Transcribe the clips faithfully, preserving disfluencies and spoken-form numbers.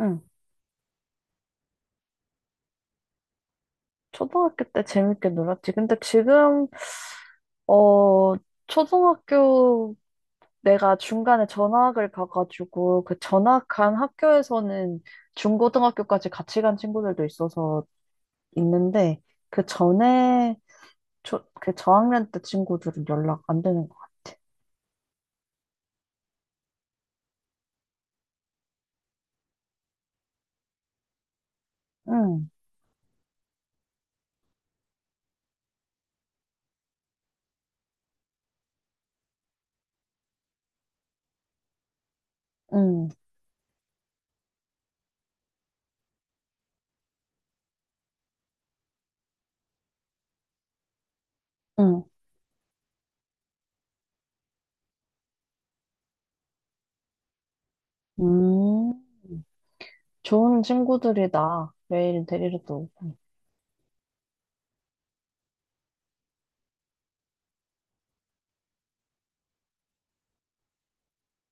응. 초등학교 때 재밌게 놀았지. 근데 지금, 어, 초등학교 내가 중간에 전학을 가가지고 그 전학한 학교에서는 중고등학교까지 같이 간 친구들도 있어서 있는데 그 전에 초, 그 저학년 때 친구들은 연락 안 되는 것 같아. 응, 응, 응. 음, 좋은 친구들이다. 매일 데리러 또 오고.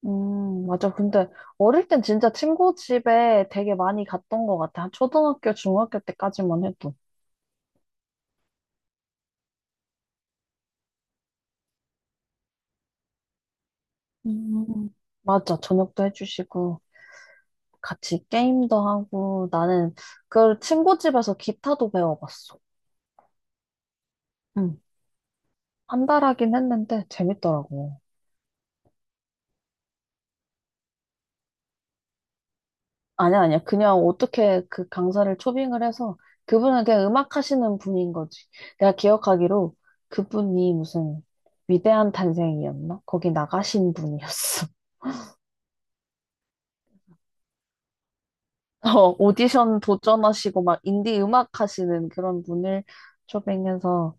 음, 맞아. 근데 어릴 땐 진짜 친구 집에 되게 많이 갔던 것 같아. 한 초등학교, 중학교 때까지만 해도. 음, 맞아. 저녁도 해주시고, 같이 게임도 하고, 나는 그 친구 집에서 기타도 배워봤어. 응. 한 달 하긴 했는데 재밌더라고. 아니야, 아니야. 그냥 어떻게 그 강사를 초빙을 해서 그분은 그냥 음악 하시는 분인 거지. 내가 기억하기로 그분이 무슨 위대한 탄생이었나? 거기 나가신 분이었어. 어, 오디션 도전하시고 막 인디 음악 하시는 그런 분을 쫓으면서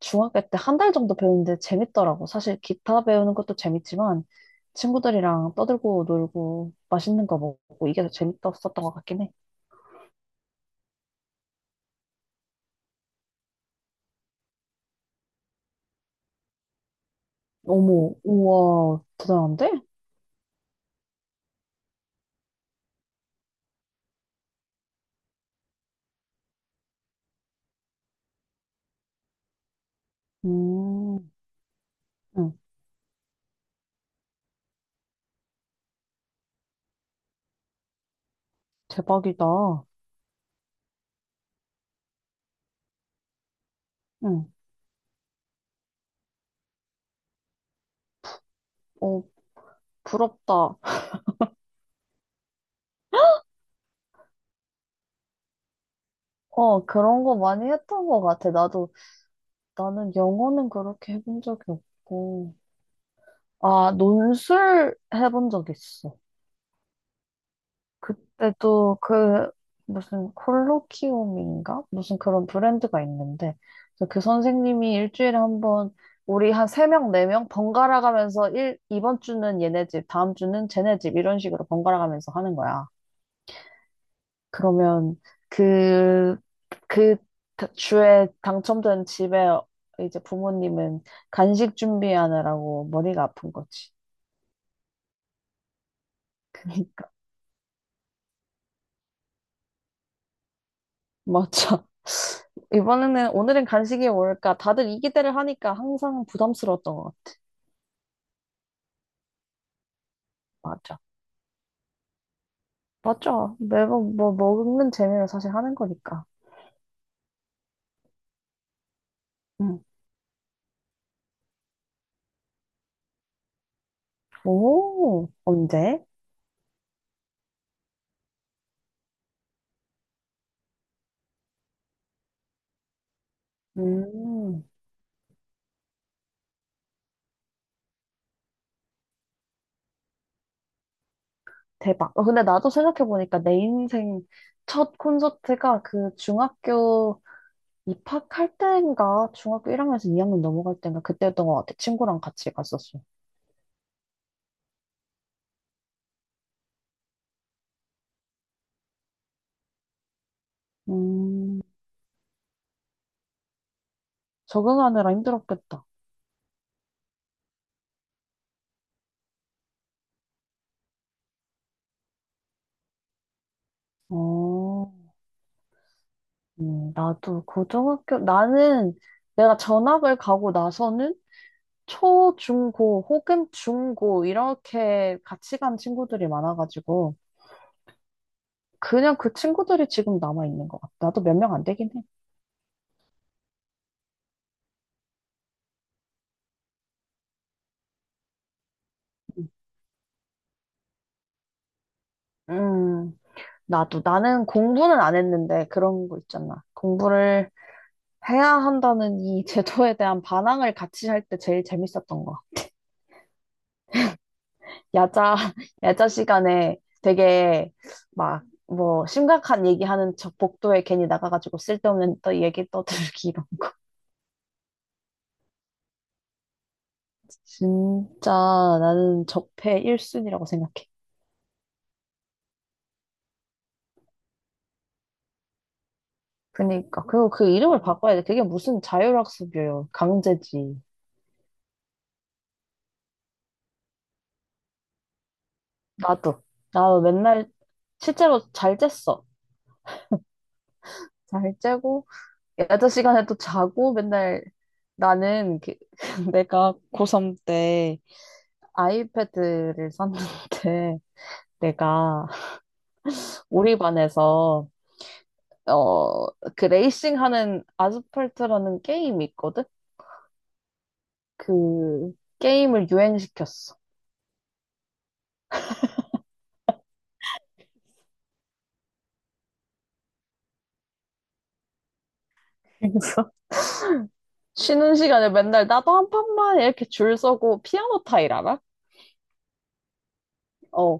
중학교 때 한 달 정도 배우는데 재밌더라고. 사실 기타 배우는 것도 재밌지만 친구들이랑 떠들고 놀고 맛있는 거 먹고 이게 더 재밌었던 것 같긴 해. 어머, 우와, 대단한데? 음, 응, 대박이다. 응, 어, 부럽다. 어, 그런 거 많이 했던 것 같아. 나도, 나는 영어는 그렇게 해본 적이 없고. 아, 논술 해본 적 있어. 그때도 그 무슨 콜로키움인가? 무슨 그런 브랜드가 있는데 그래서 그 선생님이 일주일에 한 번 우리 한 세명네 명네 명 번갈아 가면서 일 이번 주는 얘네 집, 다음 주는 쟤네 집 이런 식으로 번갈아 가면서 하는 거야. 그러면 그, 그 주에 당첨된 집에 이제 부모님은 간식 준비하느라고 머리가 아픈 거지. 그러니까 맞아. 이번에는 오늘은 간식이 뭘까? 다들 이 기대를 하니까 항상 부담스러웠던 것 같아. 맞아. 맞아. 매번 뭐 먹는 재미로 사실 하는 거니까. 응. 오, 언제? 음, 대박. 어, 근데 나도 생각해보니까 내 인생 첫 콘서트가 그 중학교 입학할 때인가 중학교 일 학년에서 이 학년 넘어갈 때인가 그때였던 것 같아. 친구랑 같이 갔었어. 음, 적응하느라 힘들었겠다. 어. 음, 나도 고등학교, 나는 내가 전학을 가고 나서는 초, 중, 고 혹은 중, 고 이렇게 같이 간 친구들이 많아가지고 그냥 그 친구들이 지금 남아있는 것 같아. 나도 몇 명 안 되긴 해. 음, 음, 나도. 나는 공부는 안 했는데 그런 거 있잖아. 공부를 해야 한다는 이 제도에 대한 반항을 같이 할 때 제일 재밌었던 것. 야자, 야자 시간에 되게 막 뭐 심각한 얘기하는 척 복도에 괜히 나가가지고 쓸데없는 또 얘기 떠들기 이런. 진짜 나는 적폐 일 순위라고 생각해. 그니까. 그리고 그 이름을 바꿔야 돼. 그게 무슨 자율학습이에요. 강제지. 나도. 나도 맨날 실제로 잘 잤어. 잘 자고 야자 시간에 또 자고 맨날 나는 그, 내가 고삼 때 아이패드를 샀는데 내가 우리 반에서 어, 그 레이싱 하는 아스팔트라는 게임이 있거든? 그 게임을 유행시켰어. 그래서 쉬는 시간에 맨날 나도 한 판만 이렇게 줄 서고 피아노 타일 알아? 어.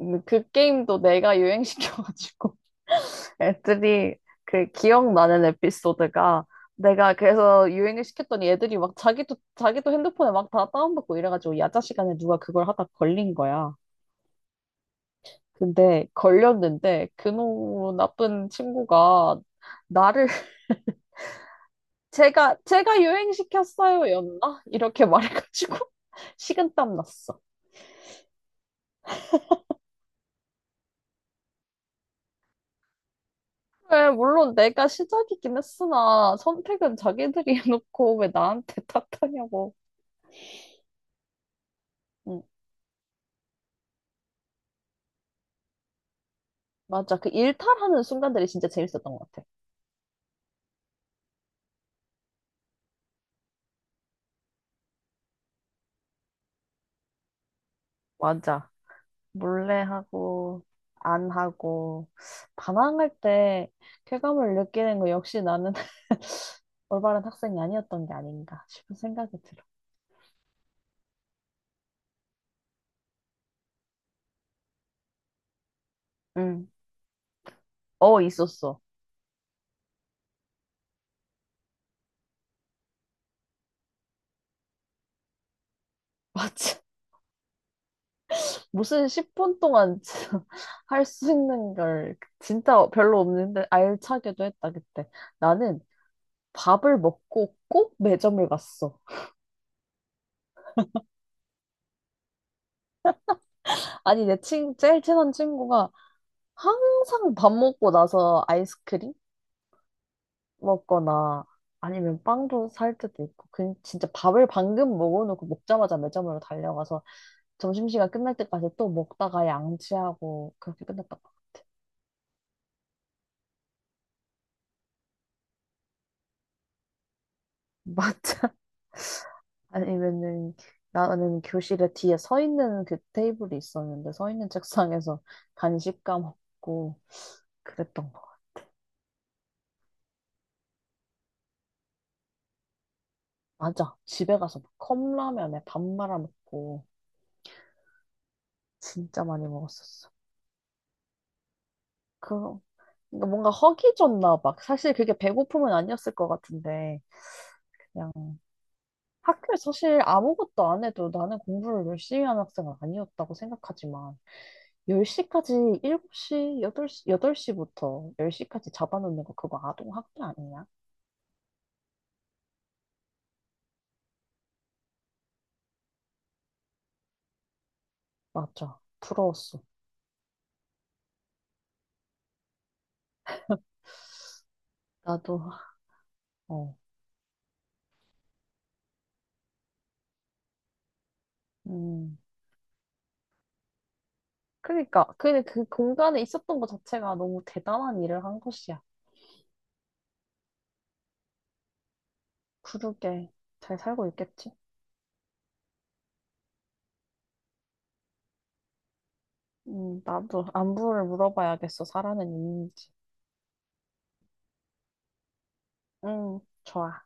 음, 그 게임도 내가 유행시켜가지고 애들이 그 기억나는 에피소드가 내가 그래서 유행을 시켰더니 애들이 막 자기도 자기도 핸드폰에 막 다 다운받고 이래가지고 야자 시간에 누가 그걸 하다 걸린 거야. 근데 걸렸는데 그놈 나쁜 친구가 나를 제가 제가 유행시켰어요 였나? 이렇게 말해가지고 식은땀 났어. 왜 물론 내가 시작이긴 했으나 선택은 자기들이 해놓고 왜 나한테 탓하냐고. 응, 맞아. 그 일탈하는 순간들이 진짜 재밌었던 것 같아. 맞아. 몰래 하고, 안 하고, 반항할 때 쾌감을 느끼는 거 역시 나는 올바른 학생이 아니었던 게 아닌가 싶은 생각이 들어. 응. 어, 있었어. 맞지. 무슨 십 분 동안 할 수 있는 걸 진짜 별로 없는데 알차게도 했다, 그때. 나는 밥을 먹고 꼭 매점을 갔어. 아니, 내 친, 제일 친한 친구가 항상 밥 먹고 나서 아이스크림? 먹거나 아니면 빵도 살 때도 있고 그 진짜 밥을 방금 먹어놓고 먹자마자 매점으로 달려가서 점심시간 끝날 때까지 또 먹다가 양치하고 그렇게 끝났던 것 같아. 맞아. 아니면은 나는 교실에 뒤에 서 있는 그 테이블이 있었는데 서 있는 책상에서 간식 까먹고 그랬던 거. 맞아. 집에 가서 막 컵라면에 밥 말아 먹고 진짜 많이 먹었었어. 그럼 그러니까 뭔가 허기졌나 봐. 사실 그게 배고픔은 아니었을 것 같은데, 그냥 학교에 사실 아무것도 안 해도 나는 공부를 열심히 하는 학생은 아니었다고 생각하지만, 열 시까지, 일곱 시, 여덟 시, 여덟 시부터 열 시까지 잡아놓는 거 그거 아동학대 아니냐? 맞아. 부러웠어. 나도, 어, 음. 그러니까, 그, 그 공간에 있었던 것 자체가 너무 대단한 일을 한 것이야. 그러게, 잘 살고 있겠지? 음, 나도 안부를 물어봐야겠어. 살아는 있는지. 응, 좋아.